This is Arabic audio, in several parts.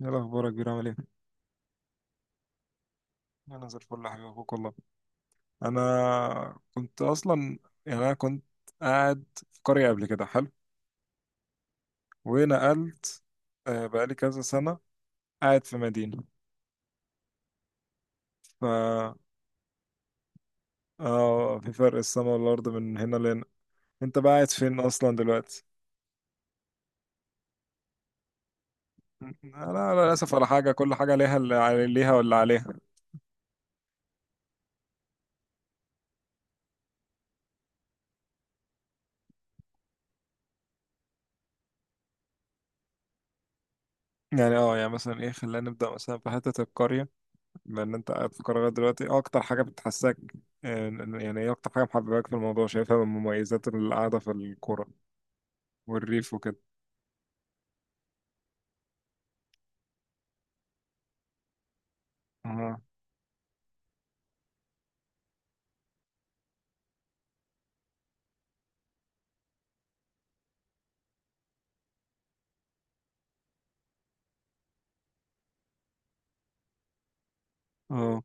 ايه الاخبار يا كبير؟ عامل ايه؟ انا زي الفل يا حبيبي، اخوك والله. انا كنت اصلا انا كنت قاعد في قريه قبل كده، حلو، ونقلت. بقالي كذا سنه قاعد في مدينه. ف اه في فرق السما والارض من هنا لهنا. انت بقى قاعد فين اصلا دلوقتي؟ انا للاسف على حاجه، كل حاجه ليها، اللي ليها واللي عليها. يعني مثلا ايه، خلينا نبدا مثلا في حته القريه. لان انت قاعد في قرارات دلوقتي، إيه اكتر حاجه بتحسك؟ آه، يعني ايه اكتر حاجه محبباك في الموضوع، شايفها من مميزات القعده في القرى والريف وكده؟ اه اه.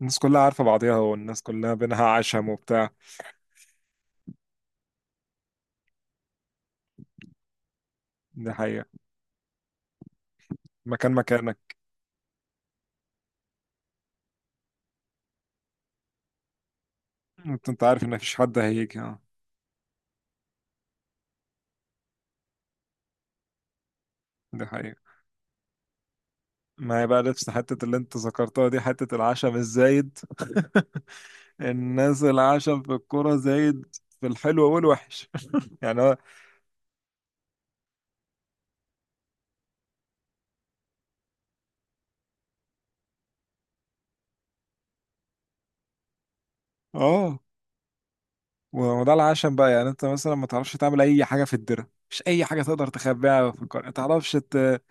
الناس كلها عارفه بعضيها والناس كلها بينها عشم وبتاع. دي حقيقه. مكان مكانك. انت عارف ان مفيش حد هيجي. اه. دي حقيقه. ما هي بقى نفس حتة اللي انت ذكرتها دي، حتة العشم الزايد. الناس العشم في الكرة زايد، في الحلو والوحش. يعني هو- اه وده العشم بقى. يعني انت مثلا ما تعرفش تعمل اي حاجه في الدره، مش اي حاجه تقدر تخبيها في القرية، ما تعرفش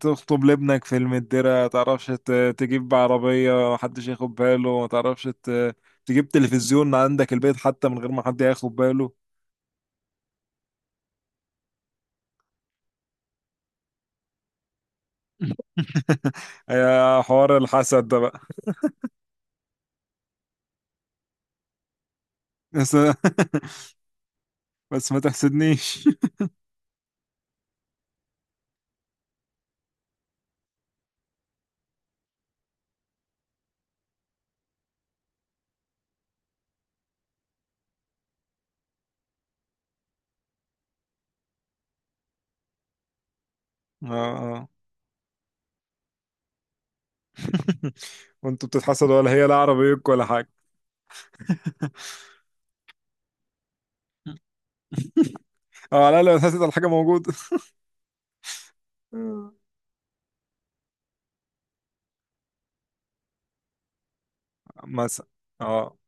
تخطب لابنك في المدره، ما تعرفش تجيب عربيه ما حدش ياخد باله، ما تعرفش تجيب تلفزيون عندك البيت حتى من غير ما حد ياخد باله. يا حوار الحسد ده بقى. بس بس ما تحسدنيش. اه اه وانتوا بتتحسدوا ولا هي؟ لا عربيتك ولا حاجه. اه. لا، لا بتحسد على حاجه موجوده. مثلا. اه،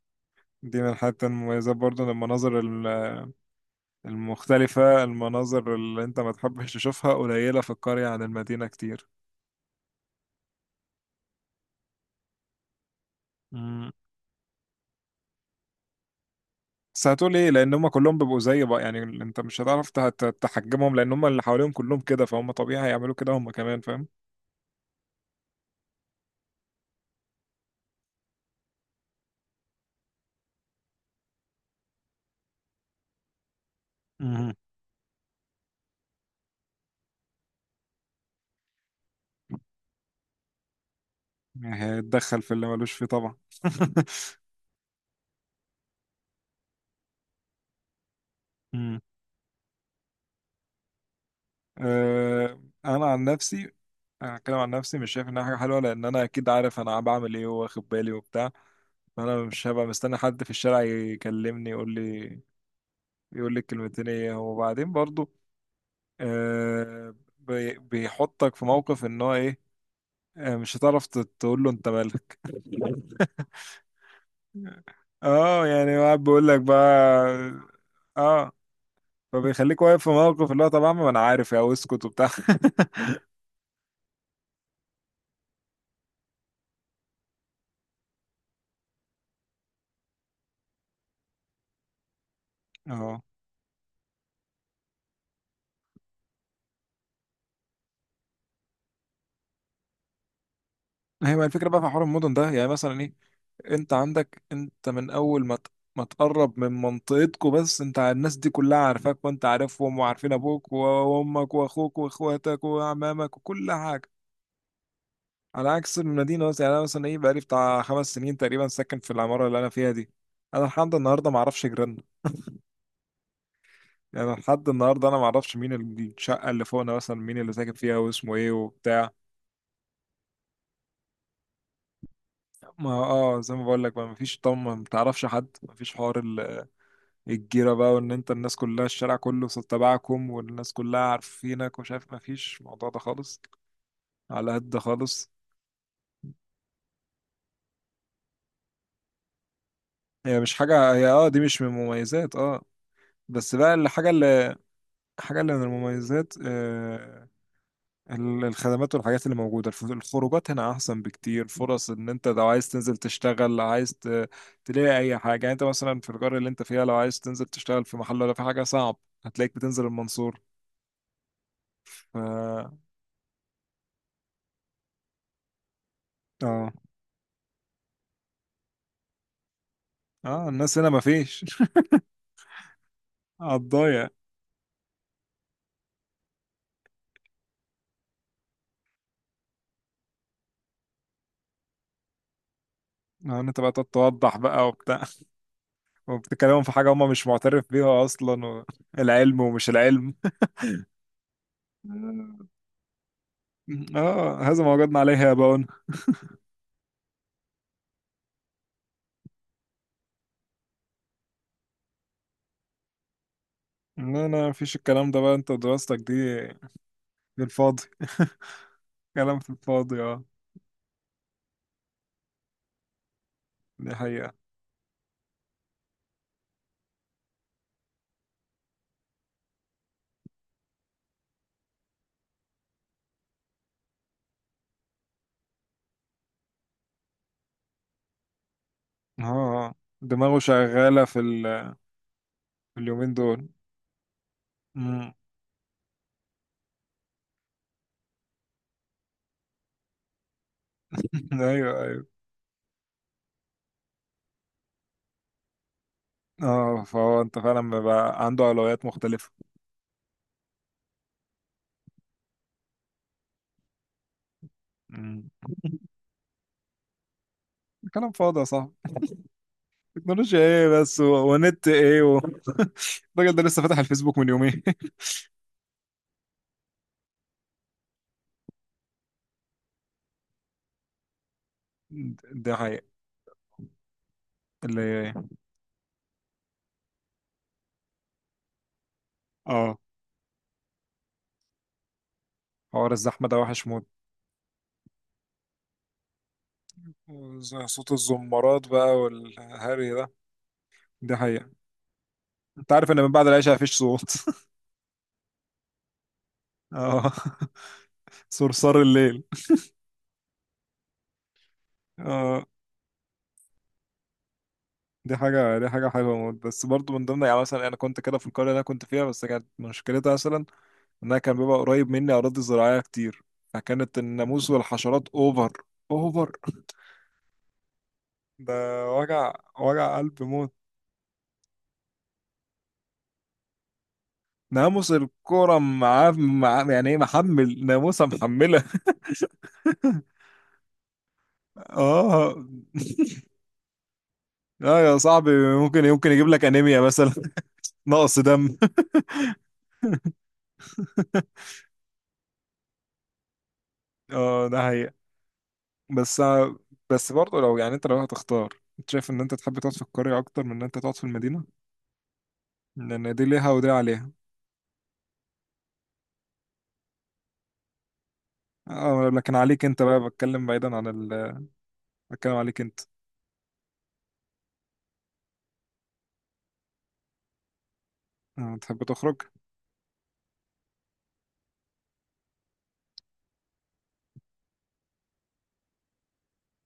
دي من الحاجات المميزة برضو، إن المناظر المختلفة، المناظر اللي انت ما تحبش تشوفها قليلة في القرية عن المدينة كتير. مم. بس هتقول ايه؟ لان هم كلهم بيبقوا زي بقى، يعني انت مش هتعرف تحجمهم، لان هم اللي حواليهم كلهم كده، فهم طبيعي هيعملوا كده هم كمان، فاهم؟ مم. يعني هيتدخل في اللي ملوش فيه طبعا. مم. انا عن نفسي، انا هتكلم عن نفسي، مش شايف انها حاجه حلوه، لان انا اكيد عارف انا بعمل ايه واخد بالي وبتاع. فانا مش هبقى مستني حد في الشارع يكلمني، يقول لي الكلمتين ايه، وبعدين برضو آه بيحطك في موقف ان هو ايه، آه مش هتعرف تقول له انت مالك. اه يعني هو قاعد بيقول لك بقى. اه. فبيخليك واقف في موقف اللي هو طب يا عم، ما انا عارف، يا اسكت وبتاع. اه. هي بقى الفكره بقى في حوار المدن ده، يعني مثلا انت عندك، انت من اول ما ما تقرب من منطقتكم بس، انت الناس دي كلها عارفاك، وانت عارفهم وعارفين ابوك وامك واخوك واخواتك وعمامك وكل حاجه. على عكس المدينه مثلا، يعني انا مثلا ايه، بقالي بتاع خمس سنين تقريبا ساكن في العماره اللي انا فيها دي، انا لحد النهارده ما اعرفش جيراننا. يعني لحد النهارده انا ما اعرفش مين الشقه اللي فوقنا مثلا، مين اللي ساكن فيها واسمه ايه وبتاع. ما زي ما بقول لك، ما مفيش طم، ما بتعرفش حد، مفيش حوار الجيرة بقى، وان انت الناس كلها الشارع كله صوت تبعكم والناس كلها عارفينك ومش عارف، مفيش الموضوع ده خالص. على قد ده خالص. هي مش حاجة هي، اه دي مش من المميزات. اه بس بقى الحاجة اللي من المميزات آه، الخدمات والحاجات اللي موجودة، الخروجات هنا أحسن بكتير، فرص إن أنت لو عايز تنزل تشتغل، لو عايز تلاقي أي حاجة. يعني أنت مثلا في القرية اللي أنت فيها لو عايز تنزل تشتغل في محل ولا في حاجة صعب، هتلاقيك بتنزل المنصورة. ف اه اه الناس هنا مفيش قضايا، يعني انت بقى تقعد توضح بقى وبتاع. وبتكلمهم في حاجة هم مش معترف بيها أصلا، و... العلم ومش العلم. اه، هذا ما وجدنا عليه يا بون. لا لا، مفيش الكلام ده بقى، انت ودراستك دي للفاضي، كلام في الفاضي. اه، دي حقيقة. اه آه. دماغه شغالة في اليومين دول. مم. ايوه ايوه. اه فهو انت فعلا بقى عنده أولويات مختلفة. مم. كلام فاضي يا صاحبي، تكنولوجيا ايه بس، ونت ايه. و... الراجل ده لسه فاتح الفيسبوك من يومين. ده حقيقة اللي. اه حوار الزحمة ده وحش موت. صوت الزمارات بقى والهري ده. ده حقيقة. انت عارف ان من بعد العشاء مفيش صوت. اه صرصار الليل. اه، دي حاجة حلوة موت، بس برضو من ضمن، يعني مثلا أنا كنت كده في القرية اللي أنا كنت فيها بس، كانت مشكلتها مثلا إنها كان بيبقى قريب مني أراضي زراعية كتير، فكانت الناموس والحشرات أوفر. أوفر. ده وجع، وجع قلب موت. ناموس الكرة معاه مع، يعني ايه، محمل ناموسة محملة. اه، لا يا صاحبي، ممكن يجيب لك انيميا مثلا. نقص دم. اه ده حقيقة. بس بس برضه لو، يعني انت لو هتختار، انت شايف ان انت تحب تقعد في القرية اكتر من ان انت تقعد في المدينة، لان دي ليها ودي عليها. اه لكن عليك انت بقى، بتكلم بعيدا عن ال... بتكلم عليك انت. تحب تخرج.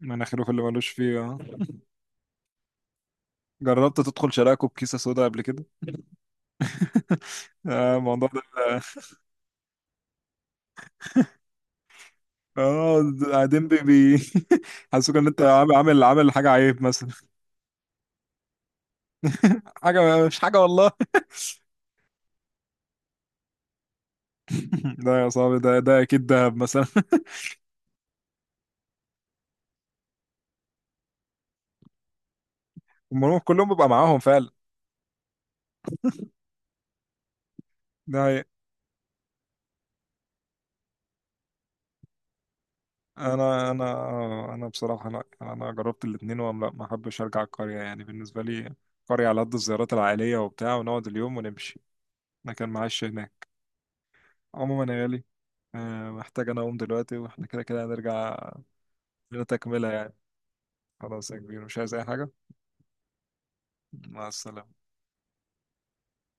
مناخيره في اللي ملوش فيه. اه جربت تدخل شراكه بكيسة سودا قبل كده؟ الموضوع ده. اه، قاعدين بي بي. حاسسوك ان انت عامل حاجة عيب مثلا. حاجة مش حاجة والله. ده يا صاحبي، ده اكيد دهب مثلا. المهم كلهم بيبقى معاهم فعلا. ده هي. انا بصراحة لا، انا جربت الاتنين، وما لا، ما احبش ارجع القرية. يعني بالنسبة لي قرية على قد الزيارات العائلية وبتاع، ونقعد اليوم ونمشي. انا كان معاش هناك عموما يا غالي. محتاج انا اقوم دلوقتي، واحنا كده كده هنرجع، لنا تكملة يعني. خلاص يا كبير مش عايز أي حاجة. مع السلامة.